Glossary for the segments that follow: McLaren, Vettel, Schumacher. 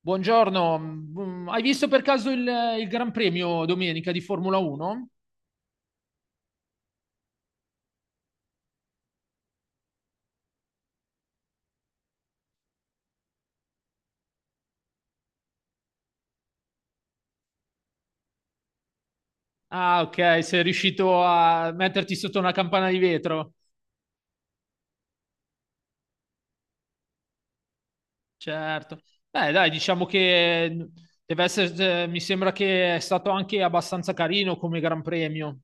Buongiorno, hai visto per caso il Gran Premio domenica di Formula 1? Ah, ok, sei riuscito a metterti sotto una campana di vetro. Certo. Beh, dai, diciamo che deve essere, mi sembra che è stato anche abbastanza carino come Gran Premio.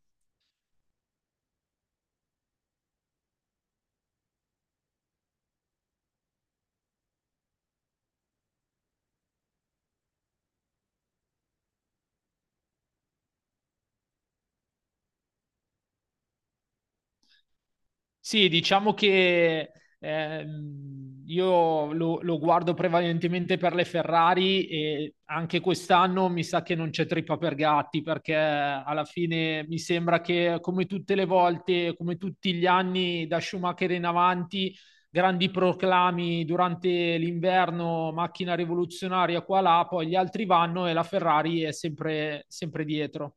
Sì, diciamo che io lo guardo prevalentemente per le Ferrari e anche quest'anno mi sa che non c'è trippa per gatti perché alla fine mi sembra che come tutte le volte, come tutti gli anni da Schumacher in avanti, grandi proclami durante l'inverno, macchina rivoluzionaria qua là, poi gli altri vanno e la Ferrari è sempre dietro.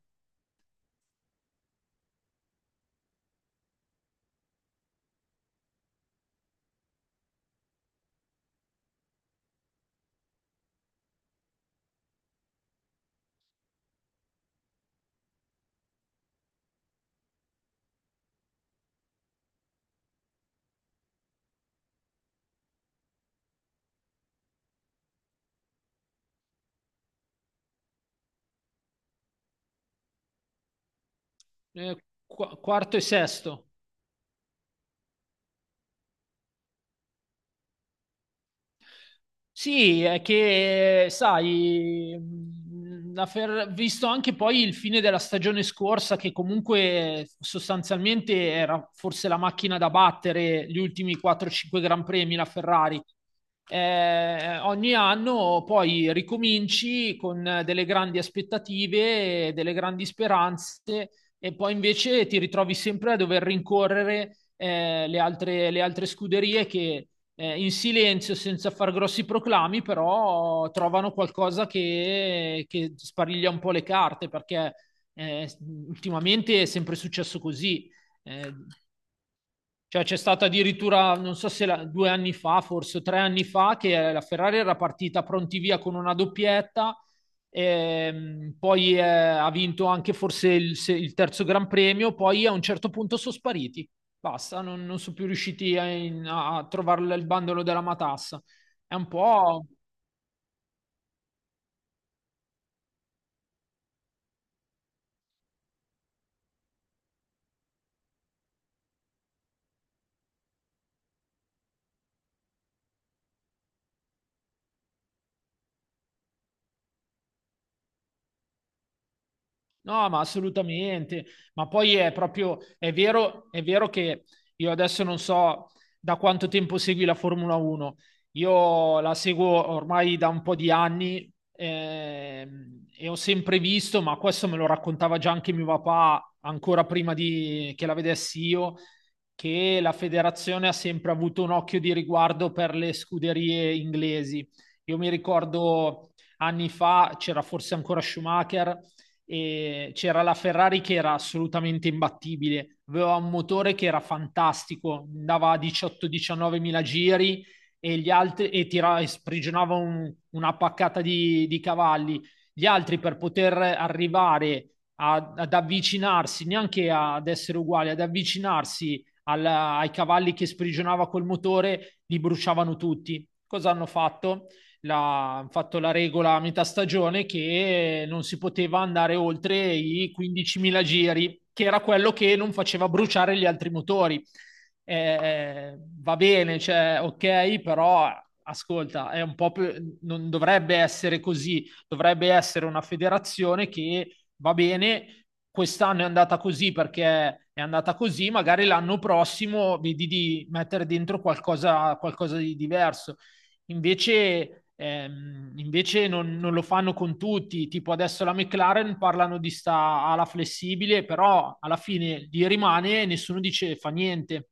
Eh, quarto e sesto. Sì, è che, sai, visto anche poi il fine della stagione scorsa, che comunque sostanzialmente era forse la macchina da battere gli ultimi 4-5 Gran Premi, la Ferrari. Ogni anno poi ricominci con delle grandi aspettative, delle grandi speranze, e poi invece ti ritrovi sempre a dover rincorrere le le altre scuderie che in silenzio, senza far grossi proclami, però trovano qualcosa che spariglia un po' le carte, perché eh, ultimamente è sempre successo così. Eh, cioè c'è stata addirittura, non so se due anni fa, forse tre anni fa, che la Ferrari era partita pronti via con una doppietta, poi ha vinto anche forse il terzo Gran Premio, poi a un certo punto sono spariti. Basta, non sono più riusciti a trovare il bandolo della matassa. È un po'. No, ma assolutamente. Ma poi è proprio, è vero che io adesso non so da quanto tempo segui la Formula 1. Io la seguo ormai da un po' di anni e ho sempre visto, ma questo me lo raccontava già anche mio papà, ancora prima che la vedessi io, che la federazione ha sempre avuto un occhio di riguardo per le scuderie inglesi. Io mi ricordo anni fa c'era forse ancora Schumacher e c'era la Ferrari che era assolutamente imbattibile, aveva un motore che era fantastico, andava a 18-19 mila giri e sprigionava una paccata di cavalli. Gli altri per poter arrivare ad avvicinarsi, neanche ad essere uguali, ad avvicinarsi ai cavalli che sprigionava col motore, li bruciavano tutti. Cosa hanno fatto? Hanno fatto la regola a metà stagione che non si poteva andare oltre i 15.000 giri, che era quello che non faceva bruciare gli altri motori. Va bene, cioè, ok, però ascolta, è un po' più, non dovrebbe essere così, dovrebbe essere una federazione che va bene, quest'anno è andata così perché è andata così, magari l'anno prossimo vedi di mettere dentro qualcosa, qualcosa di diverso. Invece, invece non lo fanno con tutti, tipo adesso la McLaren parlano di sta ala flessibile, però alla fine gli rimane e nessuno dice fa niente.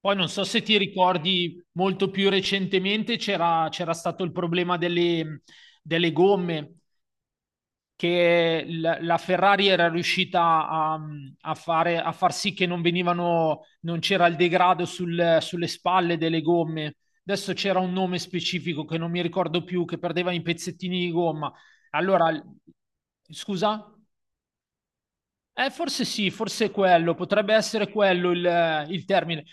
Poi non so se ti ricordi, molto più recentemente c'era stato il problema delle gomme, che la Ferrari era riuscita a, a fare, a far sì che non venivano, non c'era il degrado sulle spalle delle gomme. Adesso c'era un nome specifico che non mi ricordo più, che perdeva i pezzettini di gomma. Allora, scusa? Forse sì, forse è quello, potrebbe essere quello il termine.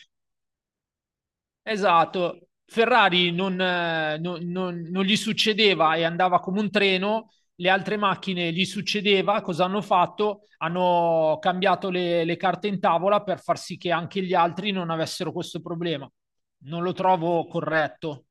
Esatto, Ferrari non, non gli succedeva e andava come un treno, le altre macchine gli succedeva, cosa hanno fatto? Hanno cambiato le carte in tavola per far sì che anche gli altri non avessero questo problema. Non lo trovo corretto.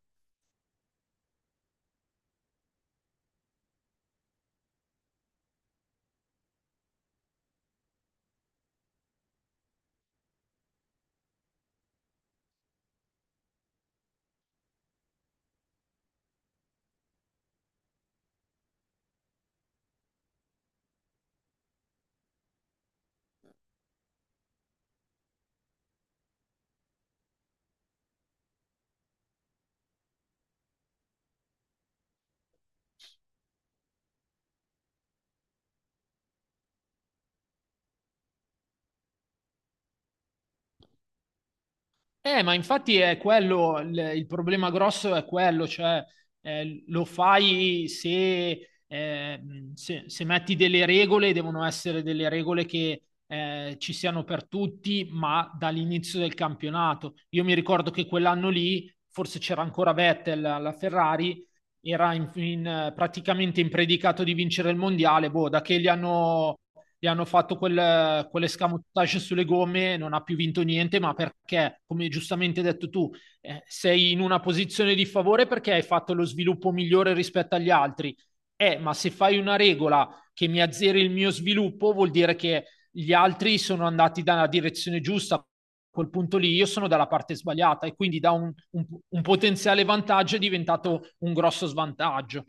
Ma infatti è quello, il problema grosso è quello, cioè lo fai se, se metti delle regole, devono essere delle regole che ci siano per tutti, ma dall'inizio del campionato. Io mi ricordo che quell'anno lì, forse c'era ancora Vettel alla Ferrari, era praticamente impredicato di vincere il mondiale, boh, da che gli hanno fatto quell'escamotage sulle gomme, non ha più vinto niente, ma perché, come giustamente hai detto tu, sei in una posizione di favore perché hai fatto lo sviluppo migliore rispetto agli altri. Ma se fai una regola che mi azzeri il mio sviluppo, vuol dire che gli altri sono andati dalla direzione giusta, quel punto lì io sono dalla parte sbagliata e quindi da un potenziale vantaggio è diventato un grosso svantaggio.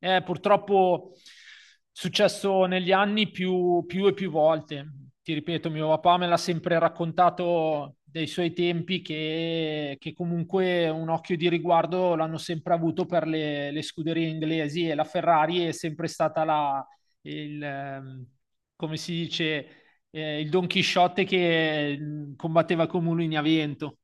Purtroppo è successo negli anni più e più volte. Ti ripeto, mio papà me l'ha sempre raccontato dei suoi tempi che comunque un occhio di riguardo l'hanno sempre avuto per le scuderie inglesi e la Ferrari è sempre stata il, ehm, come si dice, il Don Chisciotte che combatteva con mulini a vento.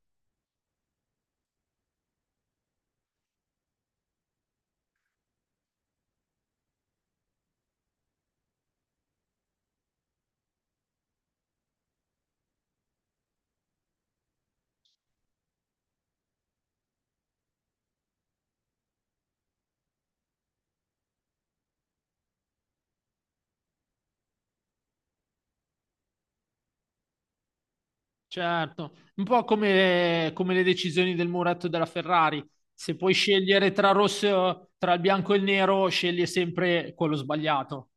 Certo, un po' come le decisioni del muretto della Ferrari. Se puoi scegliere tra rosso, tra il bianco e il nero, scegli sempre quello sbagliato.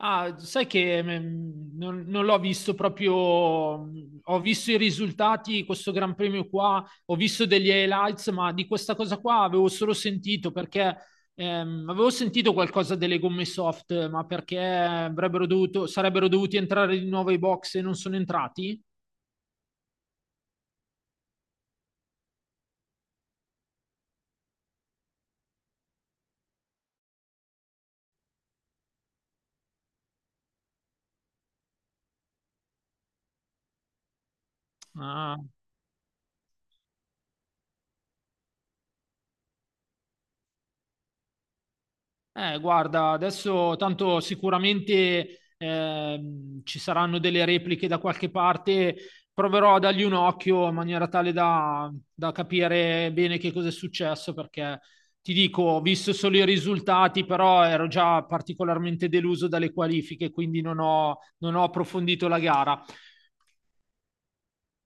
Ah, sai che non l'ho visto proprio, ho visto i risultati, questo Gran Premio qua, ho visto degli highlights, ma di questa cosa qua avevo solo sentito perché avevo sentito qualcosa delle gomme soft, ma perché avrebbero dovuto, sarebbero dovuti entrare di nuovo ai box e non sono entrati? Ah. Guarda, adesso tanto sicuramente ci saranno delle repliche da qualche parte. Proverò a dargli un occhio in maniera tale da capire bene che cosa è successo, perché ti dico, ho visto solo i risultati, però ero già particolarmente deluso dalle qualifiche, quindi non ho approfondito la gara.